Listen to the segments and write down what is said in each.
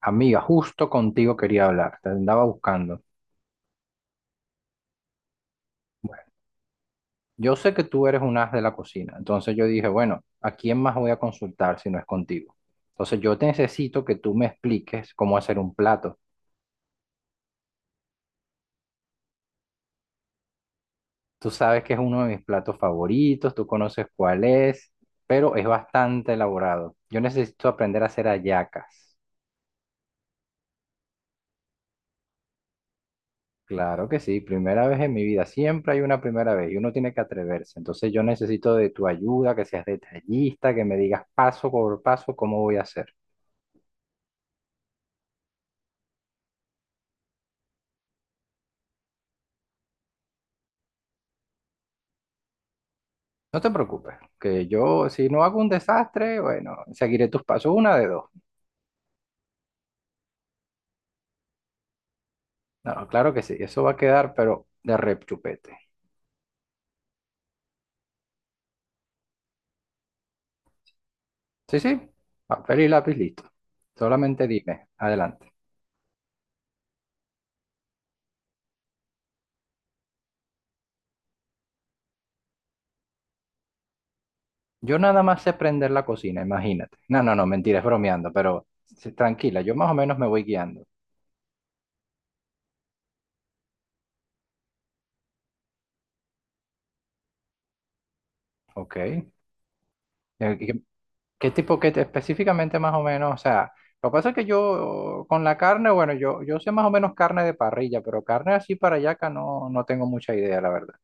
Amiga, justo contigo quería hablar, te andaba buscando. Bueno, yo sé que tú eres un as de la cocina, entonces yo dije, bueno, ¿a quién más voy a consultar si no es contigo? Entonces yo te necesito que tú me expliques cómo hacer un plato. Tú sabes que es uno de mis platos favoritos, tú conoces cuál es, pero es bastante elaborado. Yo necesito aprender a hacer hallacas. Claro que sí, primera vez en mi vida, siempre hay una primera vez y uno tiene que atreverse. Entonces yo necesito de tu ayuda, que seas detallista, que me digas paso por paso cómo voy a hacer. No te preocupes, que yo si no hago un desastre, bueno, seguiré tus pasos, una de dos. No, no, claro que sí, eso va a quedar, pero de rechupete. Sí, sí, papel y lápiz listo. Solamente dime, adelante. Yo nada más sé prender la cocina, imagínate. No, no, no, mentira, es bromeando, pero sí, tranquila, yo más o menos me voy guiando. Ok. Eh, ¿Qué tipo, específicamente más o menos? O sea, lo que pasa es que yo con la carne, bueno, yo sé más o menos carne de parrilla, pero carne así para acá no tengo mucha idea, la verdad.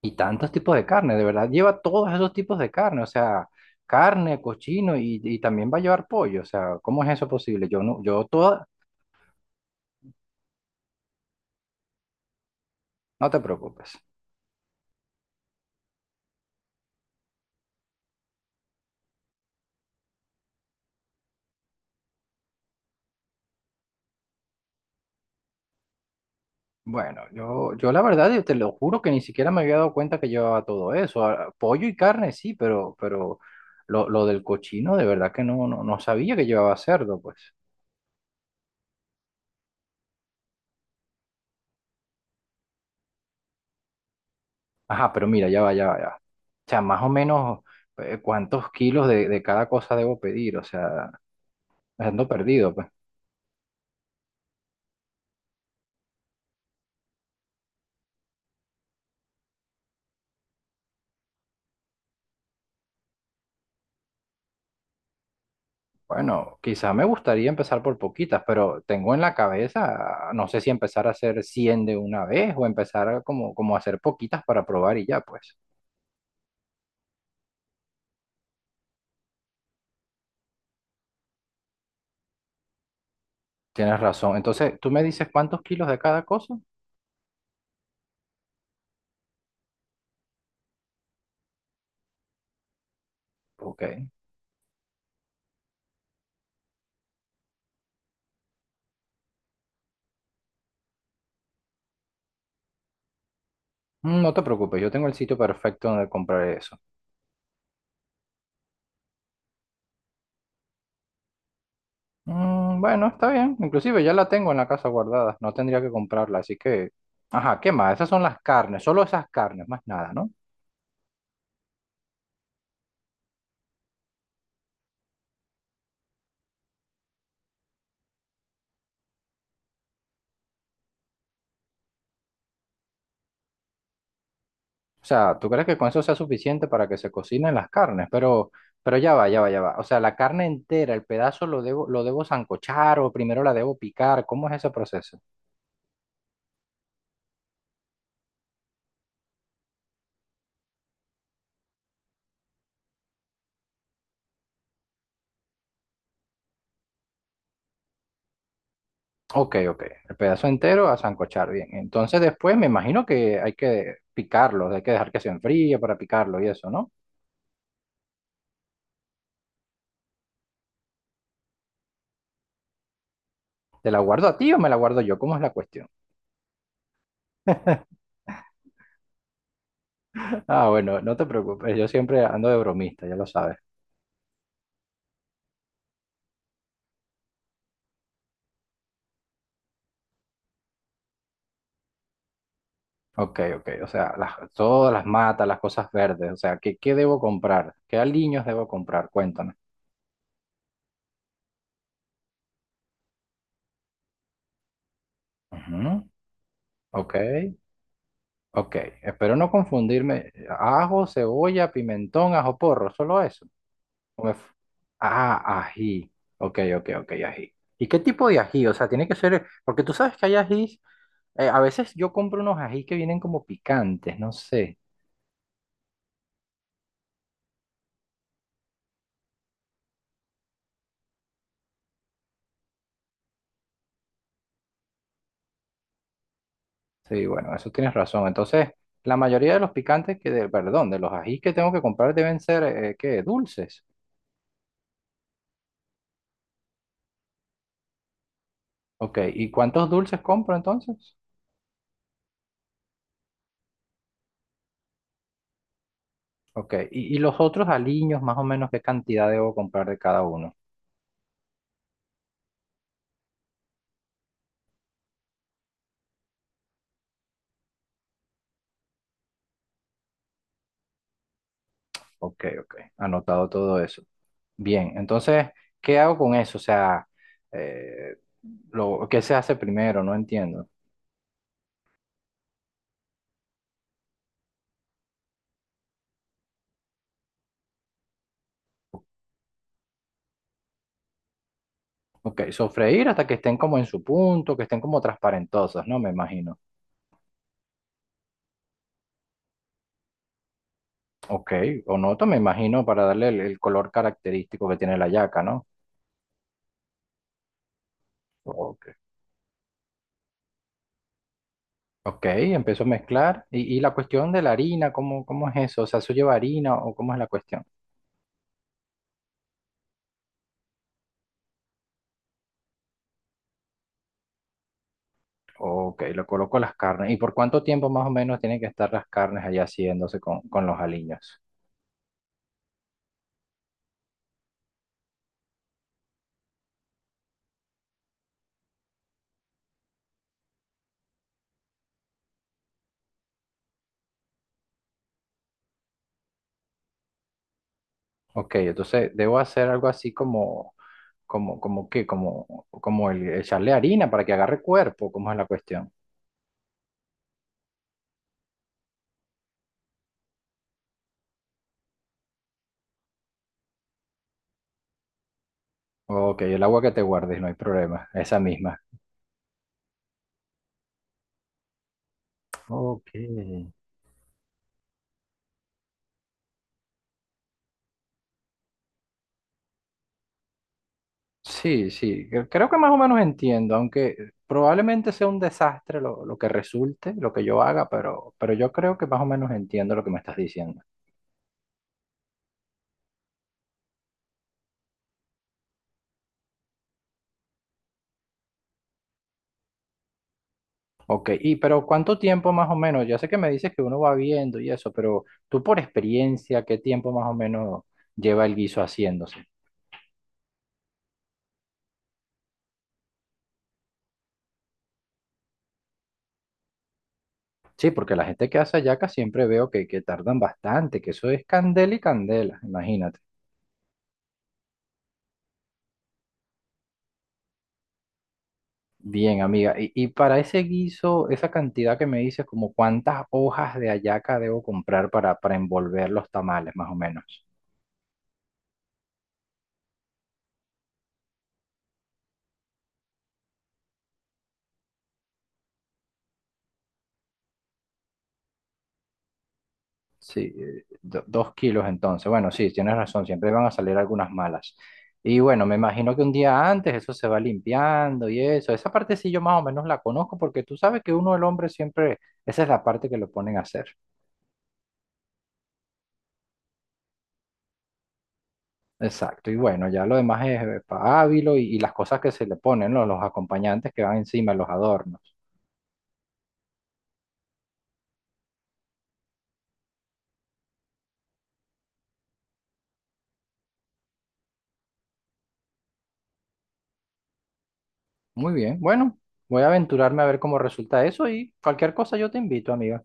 Y tantos tipos de carne, de verdad, lleva todos esos tipos de carne, o sea, carne, cochino y también va a llevar pollo, o sea, ¿cómo es eso posible? Yo no, yo toda, no te preocupes. Bueno, yo la verdad, yo te lo juro que ni siquiera me había dado cuenta que llevaba todo eso. Ah, pollo y carne sí, pero lo del cochino de verdad que no sabía que llevaba cerdo, pues. Ajá, pero mira, ya va, ya va, ya va. O sea, más o menos cuántos kilos de cada cosa debo pedir, o sea, ando perdido, pues. Bueno, quizá me gustaría empezar por poquitas, pero tengo en la cabeza, no sé si empezar a hacer 100 de una vez o empezar a como hacer poquitas para probar y ya, pues. Tienes razón. Entonces, ¿tú me dices cuántos kilos de cada cosa? Ok. Mm, no te preocupes, yo tengo el sitio perfecto donde comprar eso. Mm, bueno, está bien. Inclusive ya la tengo en la casa guardada. No tendría que comprarla, así que. Ajá, ¿qué más? Esas son las carnes, solo esas carnes, más nada, ¿no? O sea, ¿tú crees que con eso sea suficiente para que se cocinen las carnes? Pero ya va, ya va, ya va. O sea, la carne entera, el pedazo lo debo sancochar o primero la debo picar. ¿Cómo es ese proceso? Ok, ok. El pedazo entero a sancochar, bien. Entonces después me imagino que hay que picarlo, hay que dejar que se enfríe para picarlo y eso, ¿no? ¿Te la guardo a ti o me la guardo yo? ¿Cómo es la cuestión? Ah, bueno, no te preocupes, yo siempre ando de bromista, ya lo sabes. Ok, ok, o sea, todas las matas, las cosas verdes, o sea, ¿qué debo comprar? ¿Qué aliños debo comprar? Cuéntame. Ujú. Ok, ok, espero no confundirme. Ajo, cebolla, pimentón, ajo porro, solo eso. Me f- Ah, ají. Ok, ok, ok, ají. ¿Y qué tipo de ají? O sea, tiene que ser, porque tú sabes que hay ajís, a veces yo compro unos ají que vienen como picantes, no sé. Sí, bueno, eso tienes razón. Entonces, la mayoría de los picantes que, de, perdón, de los ají que tengo que comprar deben ser, ¿qué? Dulces. Ok, ¿y cuántos dulces compro entonces? Ok, ¿y los otros aliños, más o menos, qué cantidad debo comprar de cada uno? Ok, ok. Anotado todo eso. Bien, entonces, ¿qué hago con eso? O sea, eh, ¿qué se hace primero? No entiendo. Ok, sofreír hasta que estén como en su punto, que estén como transparentosas, ¿no? Me imagino. Ok, o noto, me imagino, para darle el color característico que tiene la yaca, ¿no? Ok, ok, empiezo a mezclar. Y la cuestión de la harina, ¿cómo es eso? O sea, ¿eso lleva harina o cómo es la cuestión? Ok, lo coloco las carnes. ¿Y por cuánto tiempo más o menos tienen que estar las carnes allá haciéndose con los aliños? Ok, entonces debo hacer algo así como qué, como el echarle harina para que agarre cuerpo, ¿cómo es la cuestión? Ok, el agua que te guardes, no hay problema, esa misma. Ok. Sí, sí, creo que más o menos entiendo, aunque probablemente sea un desastre lo que resulte, lo que yo haga, pero yo creo que más o menos entiendo lo que me estás diciendo. Ok, y pero ¿cuánto tiempo más o menos? Ya sé que me dices que uno va viendo y eso, pero tú por experiencia, ¿qué tiempo más o menos lleva el guiso haciéndose? Sí, porque la gente que hace hallaca siempre veo que tardan bastante, que eso es candela y candela, imagínate. Bien, amiga, y para ese guiso, esa cantidad que me dices, como cuántas hojas de hallaca debo comprar para envolver los tamales, más o menos. Sí, dos kilos entonces. Bueno, sí, tienes razón, siempre van a salir algunas malas. Y bueno, me imagino que un día antes eso se va limpiando y eso. Esa parte sí yo más o menos la conozco porque tú sabes que uno, el hombre, siempre, esa es la parte que lo ponen a hacer. Exacto. Y bueno, ya lo demás es pa' Ávilo y las cosas que se le ponen, ¿no? Los acompañantes que van encima, los adornos. Muy bien, bueno, voy a aventurarme a ver cómo resulta eso y cualquier cosa yo te invito, amiga.